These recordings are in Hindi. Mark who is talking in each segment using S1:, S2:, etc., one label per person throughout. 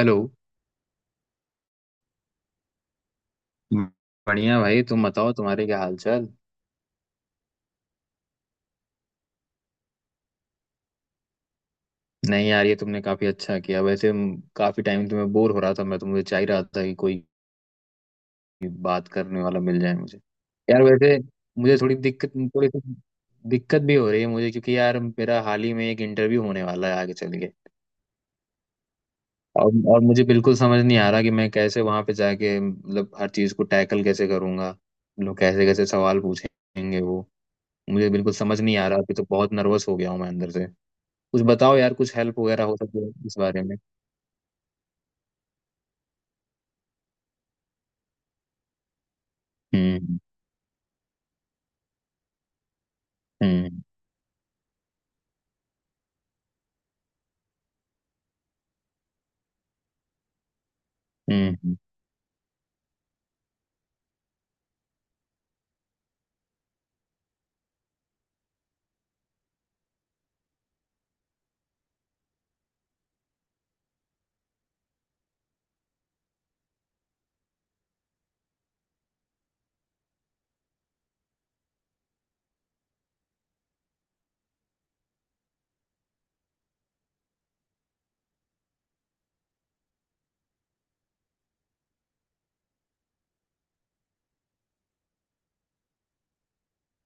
S1: हेलो। बढ़िया भाई, तुम बताओ तुम्हारे क्या हाल चाल। नहीं यार, ये तुमने काफी अच्छा किया। वैसे काफी टाइम तुम्हें बोर हो रहा था मैं तो, मुझे चाह ही रहा था कि कोई बात करने वाला मिल जाए मुझे। यार वैसे मुझे थोड़ी दिक्कत, थोड़ी सी दिक्कत भी हो रही है मुझे, क्योंकि यार मेरा हाल ही में एक इंटरव्यू होने वाला है आगे चल के। और मुझे बिल्कुल समझ नहीं आ रहा कि मैं कैसे वहां पे जाके मतलब हर चीज को टैकल कैसे करूंगा। लोग कैसे कैसे सवाल पूछेंगे वो, मुझे बिल्कुल समझ नहीं आ रहा। अभी तो बहुत नर्वस हो गया हूँ मैं अंदर से। कुछ बताओ यार, कुछ हेल्प वगैरह हो सके इस बारे में। हम्म। हम्म। हम्म।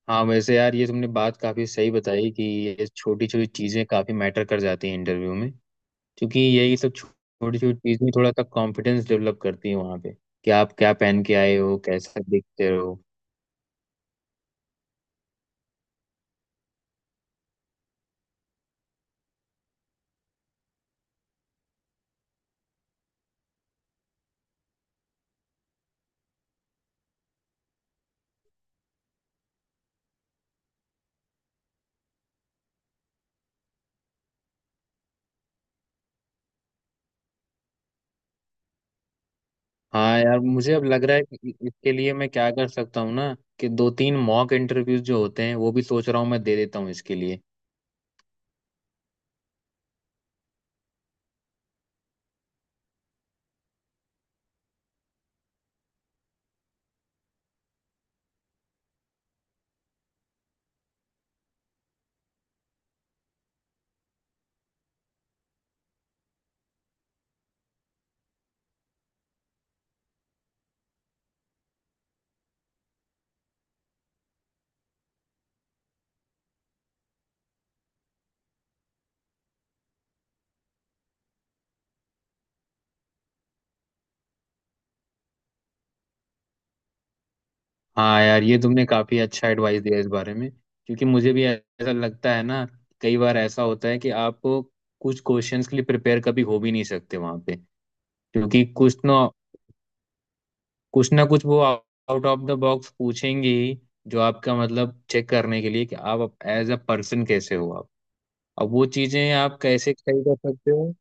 S1: हाँ वैसे यार, ये तुमने बात काफी सही बताई कि ये छोटी छोटी चीजें काफी मैटर कर जाती हैं इंटरव्यू में। क्योंकि यही सब छोटी छोटी चीजें थोड़ा सा कॉन्फिडेंस डेवलप करती है वहाँ पे, कि आप क्या पहन के आए हो, कैसा दिखते हो। हाँ यार, मुझे अब लग रहा है कि इसके लिए मैं क्या कर सकता हूँ ना, कि दो तीन मॉक इंटरव्यूज जो होते हैं, वो भी सोच रहा हूँ मैं दे देता हूँ इसके लिए। हाँ यार, ये तुमने काफी अच्छा एडवाइस दिया इस बारे में, क्योंकि मुझे भी ऐसा लगता है ना, कई बार ऐसा होता है कि आपको कुछ क्वेश्चंस के लिए प्रिपेयर कभी हो भी नहीं सकते वहां पे। क्योंकि कुछ ना कुछ वो आउट ऑफ द बॉक्स पूछेंगे ही, जो आपका मतलब चेक करने के लिए कि आप एज अ पर्सन कैसे हो आप। अब वो चीजें आप कैसे सही कर सकते हो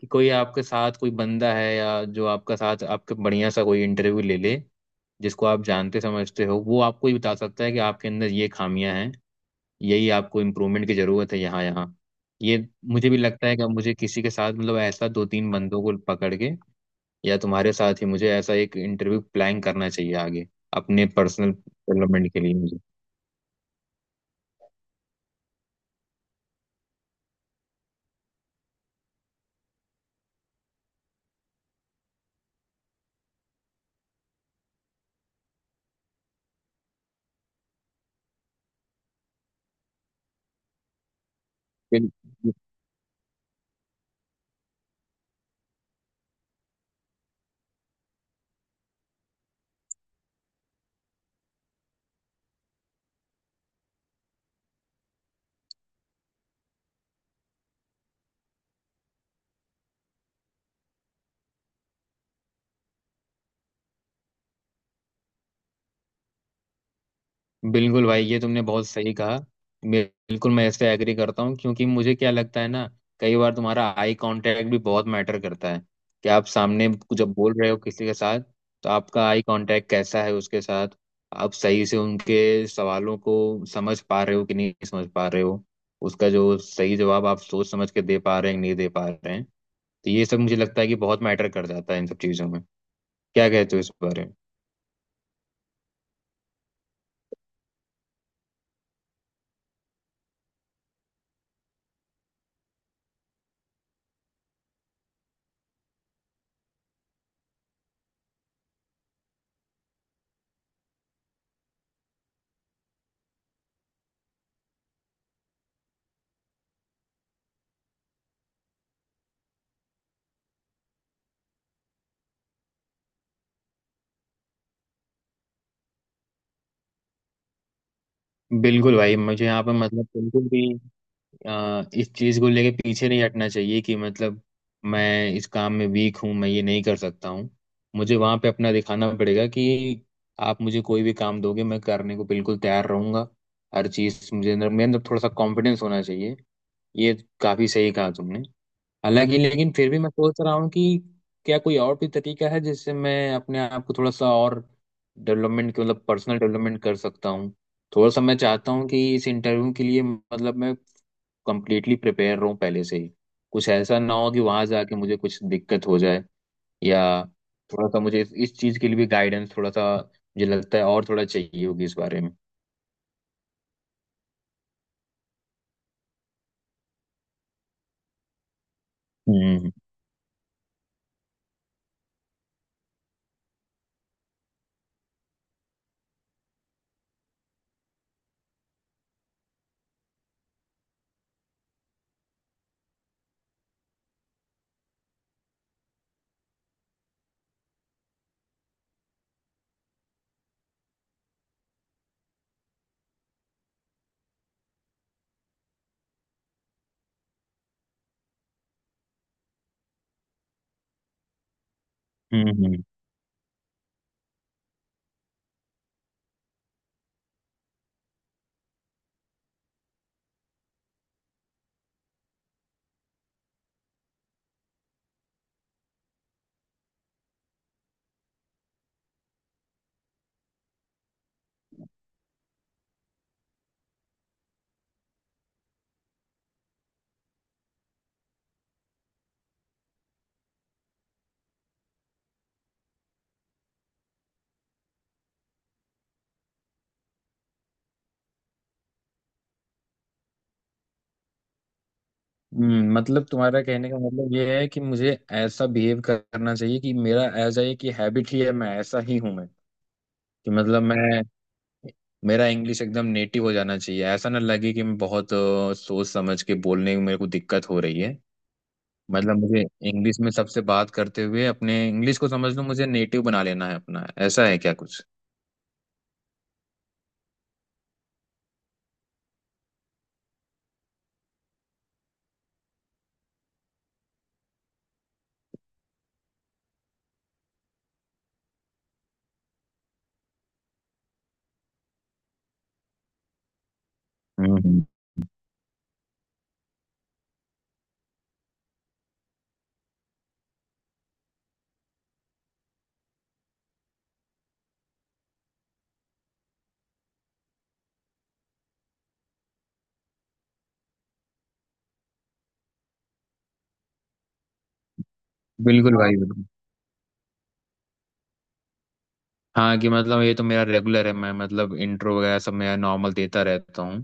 S1: कि कोई आपके साथ कोई बंदा है, या जो आपका साथ आपके बढ़िया सा कोई इंटरव्यू ले ले, जिसको आप जानते समझते हो, वो आपको ही बता सकता है कि आपके अंदर ये खामियां हैं, यही आपको इम्प्रूवमेंट की ज़रूरत है यहाँ यहाँ। ये, मुझे भी लगता है कि अब मुझे किसी के साथ मतलब ऐसा दो तीन बंदों को पकड़ के, या तुम्हारे साथ ही मुझे ऐसा एक इंटरव्यू प्लान करना चाहिए आगे, अपने पर्सनल डेवलपमेंट के लिए। मुझे बिल्कुल, भाई ये तुमने बहुत सही कहा। बिल्कुल मैं इससे एग्री करता हूँ, क्योंकि मुझे क्या लगता है ना, कई बार तुम्हारा आई कांटेक्ट भी बहुत मैटर करता है, कि आप सामने जब बोल रहे हो किसी के साथ, तो आपका आई कांटेक्ट कैसा है उसके साथ, आप सही से उनके सवालों को समझ पा रहे हो कि नहीं समझ पा रहे हो, उसका जो सही जवाब आप सोच समझ के दे पा रहे हैं कि नहीं दे पा रहे हैं। तो ये सब मुझे लगता है कि बहुत मैटर कर जाता है इन सब चीज़ों में। क्या कहते हो इस बारे में। बिल्कुल भाई, मुझे यहाँ पे मतलब बिल्कुल भी इस चीज को लेके पीछे नहीं हटना चाहिए कि मतलब मैं इस काम में वीक हूँ, मैं ये नहीं कर सकता हूँ। मुझे वहां पे अपना दिखाना पड़ेगा कि आप मुझे कोई भी काम दोगे, मैं करने को बिल्कुल तैयार रहूंगा हर चीज। मुझे अंदर, मेरे अंदर थोड़ा सा कॉन्फिडेंस होना चाहिए, ये काफी सही कहा तुमने। हालांकि लेकिन फिर भी मैं सोच रहा हूँ कि क्या कोई और भी तरीका है जिससे मैं अपने आप को थोड़ा सा और डेवलपमेंट मतलब पर्सनल डेवलपमेंट कर सकता हूँ। थोड़ा सा मैं चाहता हूँ कि इस इंटरव्यू के लिए मतलब मैं कंप्लीटली प्रिपेयर रहूं पहले से ही, कुछ ऐसा ना हो कि वहां जाके मुझे कुछ दिक्कत हो जाए, या थोड़ा सा मुझे इस चीज के लिए भी गाइडेंस थोड़ा सा मुझे लगता है और थोड़ा चाहिए होगी इस बारे में। हम्म। हम्म। मतलब तुम्हारा कहने का मतलब ये है कि मुझे ऐसा बिहेव करना चाहिए कि मेरा ऐसा ये कि हैबिट ही है, मैं ऐसा ही हूं मैं, कि मतलब मैं, मेरा इंग्लिश एकदम नेटिव हो जाना चाहिए, ऐसा ना लगे कि मैं बहुत सोच समझ के बोलने में मेरे को दिक्कत हो रही है। मतलब मुझे इंग्लिश में सबसे बात करते हुए अपने इंग्लिश को समझ लो मुझे नेटिव बना लेना है अपना, ऐसा है क्या कुछ। हम्म। हम्म। बिल्कुल हाँ भाई, बिल्कुल हाँ, कि मतलब ये तो मेरा रेगुलर है, मैं मतलब इंट्रो वगैरह सब मेरा नॉर्मल देता रहता हूँ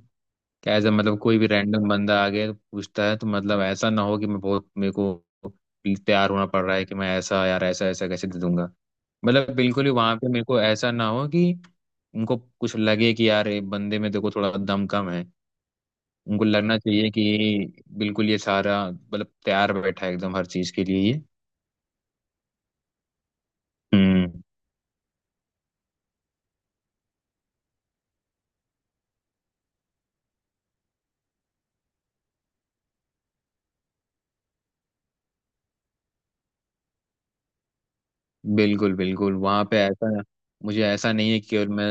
S1: क्या, ऐसा मतलब कोई भी रैंडम बंदा आ गया तो पूछता है, तो मतलब ऐसा ना हो कि मैं बहुत मेरे को तैयार होना पड़ रहा है कि मैं ऐसा, यार ऐसा ऐसा कैसे दे दूंगा। मतलब बिल्कुल ही वहां पे मेरे को ऐसा ना हो कि उनको कुछ लगे कि यार ये बंदे में देखो थोड़ा दम कम है। उनको लगना चाहिए कि बिल्कुल ये सारा मतलब तैयार बैठा है एकदम हर चीज के लिए ये। हम्म। बिल्कुल बिल्कुल वहाँ पे ऐसा, मुझे ऐसा नहीं है कि केवल मैं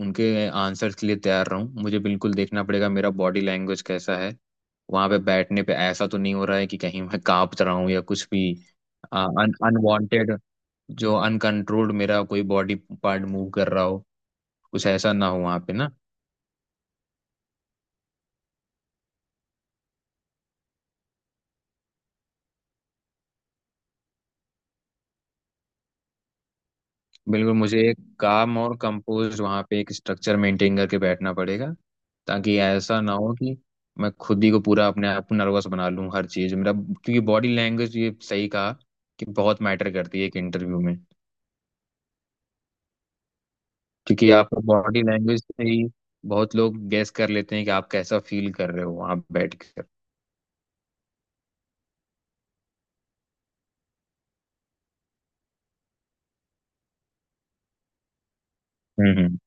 S1: उनके आंसर्स के लिए तैयार रहूं, मुझे बिल्कुल देखना पड़ेगा मेरा बॉडी लैंग्वेज कैसा है, वहाँ पे बैठने पे ऐसा तो नहीं हो रहा है कि कहीं मैं कांप रहा हूँ, या कुछ भी अन अनवांटेड जो अनकंट्रोल्ड मेरा कोई बॉडी पार्ट मूव कर रहा हो, कुछ ऐसा ना हो वहाँ पे ना। बिल्कुल, मुझे एक काम और कंपोज वहाँ पे एक स्ट्रक्चर मेंटेन करके बैठना पड़ेगा, ताकि ऐसा ना हो कि मैं खुद ही को पूरा अपने आप को नर्वस बना लूँ हर चीज़ मेरा। क्योंकि बॉडी लैंग्वेज, ये सही कहा कि बहुत मैटर करती है एक इंटरव्यू में। क्योंकि आप बॉडी लैंग्वेज से ही बहुत लोग गेस कर लेते हैं कि आप कैसा फील कर रहे हो वहाँ बैठ कर। हम्म। हम्म।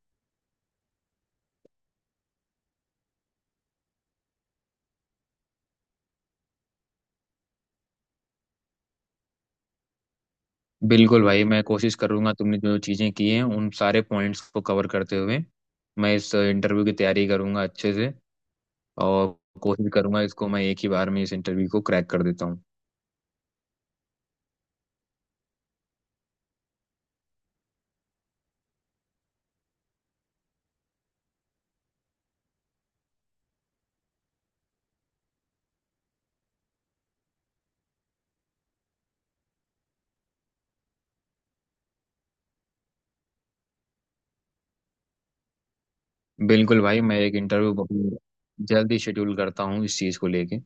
S1: बिल्कुल भाई, मैं कोशिश करूंगा तुमने जो चीज़ें की हैं उन सारे पॉइंट्स को कवर करते हुए मैं इस इंटरव्यू की तैयारी करूंगा अच्छे से। और कोशिश करूंगा इसको मैं एक ही बार में इस इंटरव्यू को क्रैक कर देता हूँ। बिल्कुल भाई, मैं एक इंटरव्यू जल्दी शेड्यूल करता हूँ इस चीज़ को लेके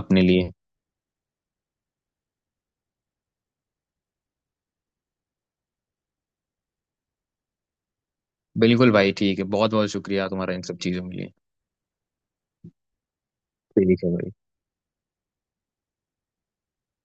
S1: अपने लिए। बिल्कुल भाई, ठीक है, बहुत बहुत शुक्रिया तुम्हारा इन सब चीज़ों के लिए। ठीक है भाई।